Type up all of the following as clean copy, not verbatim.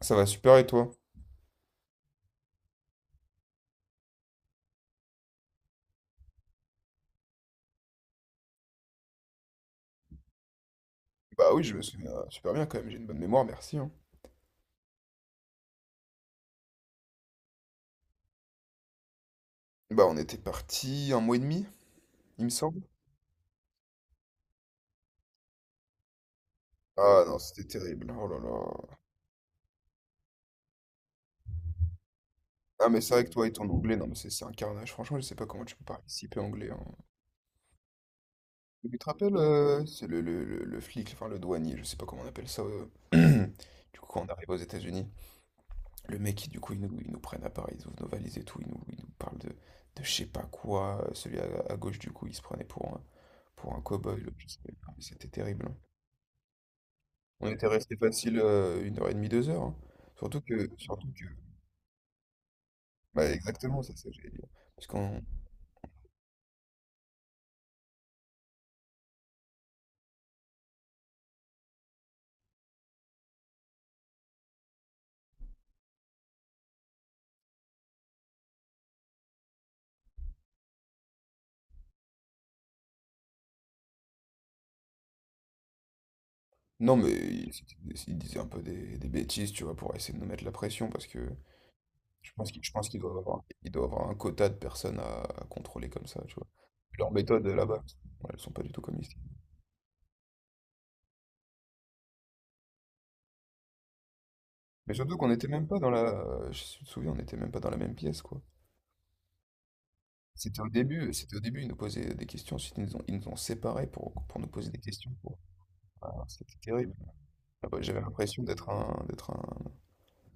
Ça va super et toi? Bah oui, je me souviens super bien quand même, j'ai une bonne mémoire, merci, hein. Bah on était parti 1 mois et demi, il me semble. Ah non, c'était terrible, oh là là. Ah mais c'est vrai que toi et ton anglais, non mais c'est un carnage, franchement je sais pas comment tu peux participer anglais, hein. Mais tu te rappelles, c'est le flic, enfin le douanier, je sais pas comment on appelle ça. Du coup quand on arrive aux États-Unis, le mec qui du coup ils nous prennent à Paris, ils ouvrent nos valises et tout, ils nous parlent de, je sais pas quoi. Celui à gauche du coup il se prenait pour un cow-boy, l'autre, je sais pas, mais c'était terrible, hein. On était resté facile 1 heure et demie, 2 heures, hein. Surtout que, bah exactement, c'est ça que j'allais dire. Parce qu'on, non mais ils, disaient un peu des bêtises, tu vois, pour essayer de nous mettre la pression, parce que je pense qu'ils doivent avoir un quota de personnes à contrôler comme ça, tu vois. Puis leurs méthodes là-bas, ouais, elles sont pas du tout comme ici. Mais surtout qu'on n'était même pas je me souviens, on n'était même pas dans la même pièce, quoi. C'était au début, ils nous posaient des questions, ensuite ils nous ont séparés pour nous poser des questions. Ah, c'était terrible. Ah bah, j'avais l'impression d'être un, d'être un,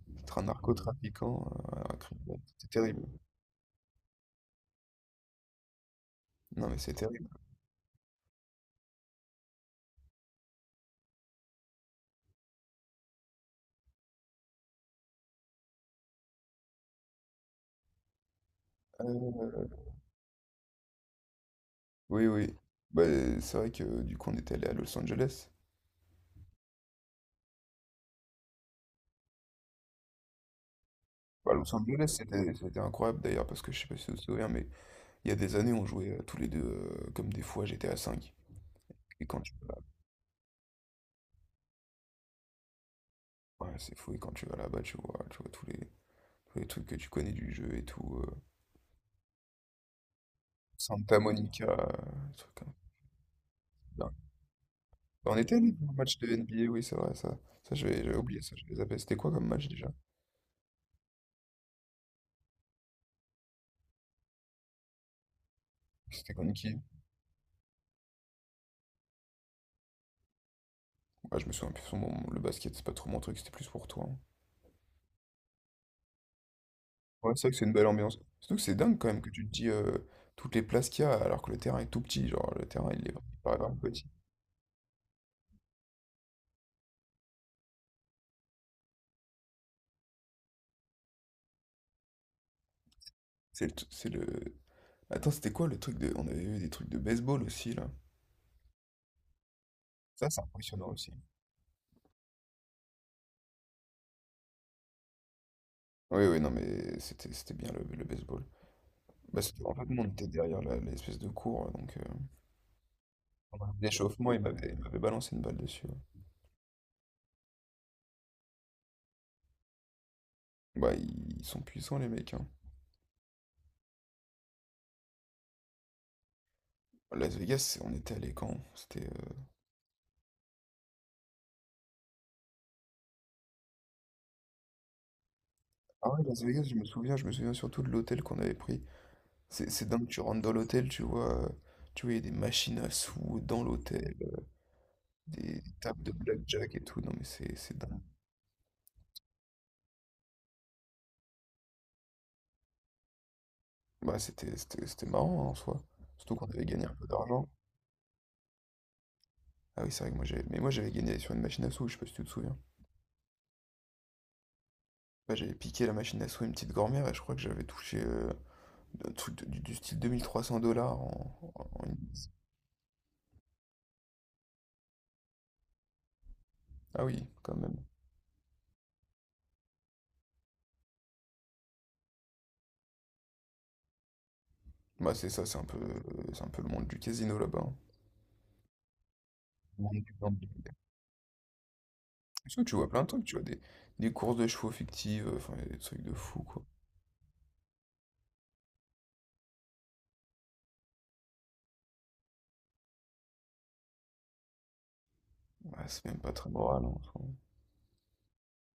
d'être un narcotrafiquant, un criminel. C'est terrible. Non, mais c'est terrible. Euh, oui, oui. Bah, c'est vrai que du coup, on était allé à Los Angeles. Bah, Los Angeles, c'était incroyable d'ailleurs, parce que je sais pas si vous vous souvenez, mais il y a des années, on jouait tous les deux comme des fous à GTA V. Et quand tu vas là- Ouais, c'est fou, et quand tu vas là-bas, tu vois, tous les trucs que tu connais du jeu et tout. Santa Monica, des trucs comme ça. On était allé voir un match de NBA, oui, c'est vrai, ça. Ça, j'avais oublié ça, je les avais. C'était quoi comme match déjà? C'était contre qui? Ah, je me souviens plus, son nom. Le basket, c'est pas trop mon truc, c'était plus pour toi, hein. Ouais, c'est vrai que c'est une belle ambiance. Surtout que c'est dingue quand même que tu te dis toutes les places qu'il y a alors que le terrain est tout petit. Genre, le terrain, il paraît vraiment petit. C'est le, t- c'est le... Attends, c'était quoi le truc de... On avait eu des trucs de baseball aussi, là. Ça, c'est impressionnant aussi. Oui, oui, non, mais c'était bien le baseball. Bah, en fait, nous, on était derrière l'espèce de cours, donc, pendant l'échauffement, il m'avait balancé une balle dessus. Bah, ils sont puissants, les mecs, hein. Las Vegas, on était allé quand? C'était. Ah ouais, Las Vegas, je me souviens surtout de l'hôtel qu'on avait pris. C'est dingue, tu rentres dans l'hôtel, tu vois, il y a des machines à sous dans l'hôtel, des tables de blackjack et tout. Non, mais c'est dingue. Bah, c'était marrant, hein, en soi. Surtout qu'on avait gagné un peu d'argent. Ah oui, c'est vrai que moi j'avais. Mais moi j'avais gagné sur une machine à sous, je sais pas si tu te souviens. Bah, j'avais piqué la machine à sous à une petite grand-mère et je crois que j'avais touché un truc du style 2 300 $ en Ah oui, quand même. Bah c'est ça, c'est un peu le monde du casino là-bas, hein. Le monde du gambling. Parce que tu vois plein de trucs, tu vois des courses de chevaux fictives, enfin y a des trucs de fou quoi. Ouais, c'est même pas très moral, hein, enfin.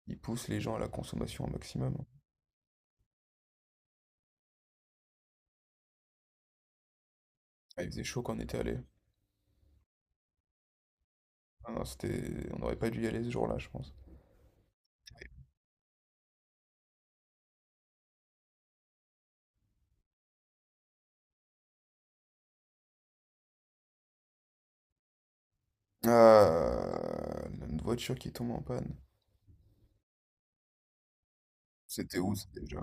Ils poussent les gens à la consommation au maximum, hein. Ah, il faisait chaud quand on était allé. Ah non, c'était, on n'aurait pas dû y aller ce jour-là, je pense. Ah, une voiture qui tombe en panne. C'était où ça déjà?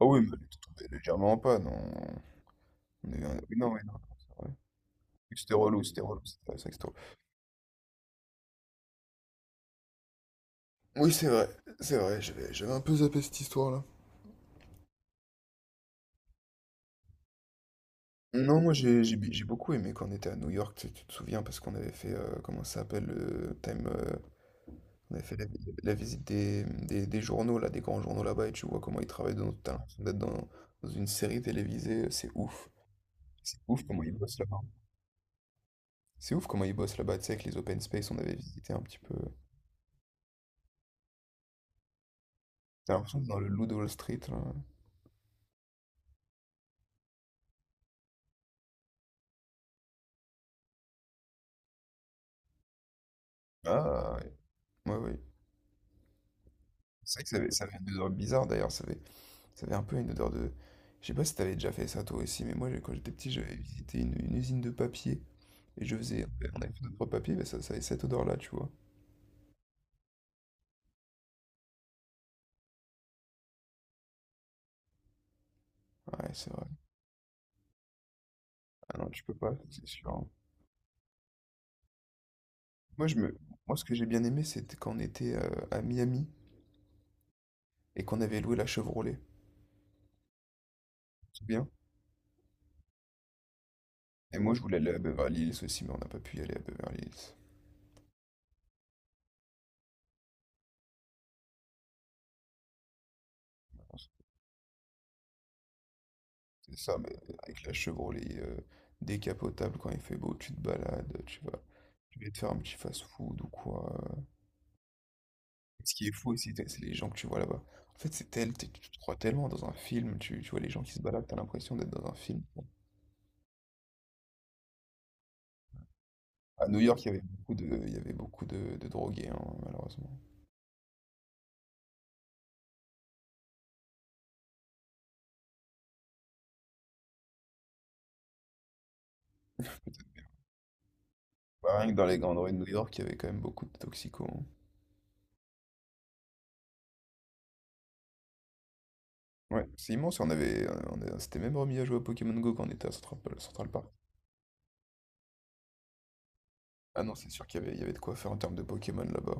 Ah oui, mais elle était tombée légèrement en panne. Oui, non, oui, non, c'est vrai. C'était relou, c'est vrai que c'était. Oui, c'est vrai, j'avais un peu zappé cette histoire-là. Non, moi j'ai beaucoup aimé quand on était à New York, tu te souviens, parce qu'on avait fait, comment ça s'appelle, on avait fait la visite des journaux, là, des grands journaux là-bas, et tu vois comment ils travaillent, t'as l'impression d'être dans une série télévisée, c'est ouf. C'est ouf comment ils bossent là-bas. C'est ouf comment ils bossent là-bas, tu sais, avec les open space, on avait visité un petit peu. T'as l'impression d'être dans le Loup de Wall Street, là. Ah, ouais, ouais, ouais. C'est vrai que ça avait une odeur bizarre d'ailleurs. Ça avait un peu une odeur de... Je sais pas si t'avais déjà fait ça toi aussi, mais moi quand j'étais petit, j'avais visité une usine de papier. Et je faisais... On avait fait deux, trois papiers, mais ça avait cette odeur-là, tu vois. Ouais, c'est vrai. Ah non, tu peux pas, c'est sûr, hein. Moi, je me... Moi, ce que j'ai bien aimé, c'était quand on était à Miami et qu'on avait loué la Chevrolet. C'est bien. Et moi, je voulais aller à Beverly Hills aussi, mais on n'a pas pu y aller à Beverly Hills. C'est ça, mais avec la Chevrolet décapotable, quand il fait beau, tu te balades, tu vas... Tu vas te faire un petit fast-food ou quoi. Ce qui est fou aussi, t c'est les gens que tu vois là-bas. En fait, c'est tel tu tu te crois tellement dans un film, tu vois les gens qui se baladent, t'as l'impression d'être dans un film. Bon, à New York, il y avait beaucoup de il y avait beaucoup de drogués, hein, malheureusement. Bah, rien que dans les grandes rues de New York, il y avait quand même beaucoup de toxicos, hein. Ouais, c'est immense, on avait on s'était même remis à jouer à Pokémon Go quand on était à Central Park. Ah non, c'est sûr qu'il y avait de quoi faire en termes de Pokémon là-bas.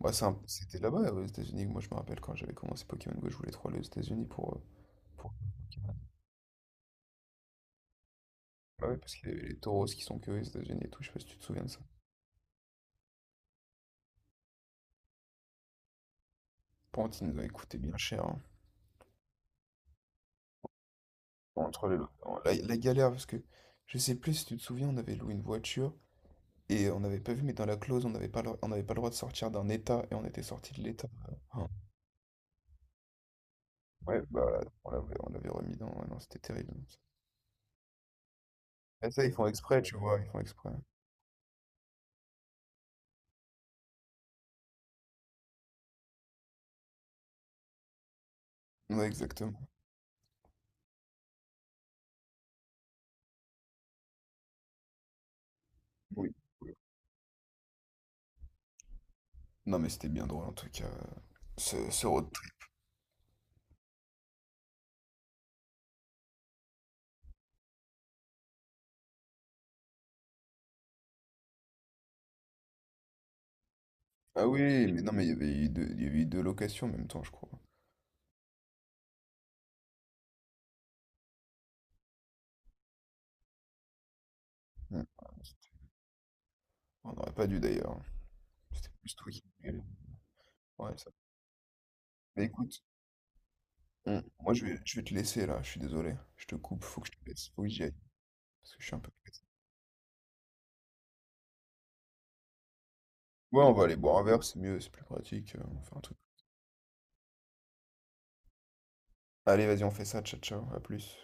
Bah, c'était là-bas, aux États-Unis, que moi, je me rappelle quand j'avais commencé Pokémon Go, je voulais trop aller aux États-Unis pour bah, ouais, parce qu'il y avait les taureaux qui sont que aux États-Unis et tout, je sais pas si tu te souviens de ça? Pantene doit coûter bien cher, hein. Entre la galère, parce que je sais plus si tu te souviens, on avait loué une voiture et on n'avait pas vu, mais dans la clause, on n'avait pas le droit de sortir d'un état et on était sorti de l'état. Ah. Ouais, bah là, on l'avait remis dans. Ouais, non, c'était terrible. Et ça, ils font exprès, tu vois, ils font exprès. Ouais, exactement. Oui, oui. Non, mais c'était bien drôle en tout cas, ce road trip. Ah oui, mais non, mais il y avait eu deux, il y avait eu deux locations en même temps, je crois. Ouais. On n'aurait pas dû d'ailleurs. C'était plus toi qui. Ouais, ça. Mais écoute. Hmm. Moi, je vais te laisser là, je suis désolé. Je te coupe, faut que je te laisse. Faut que j'y aille. Parce que je suis un peu pressé. Ouais, on va aller boire un verre, c'est mieux, c'est plus pratique. On fait un truc. Allez, vas-y, on fait ça, ciao, ciao, à plus.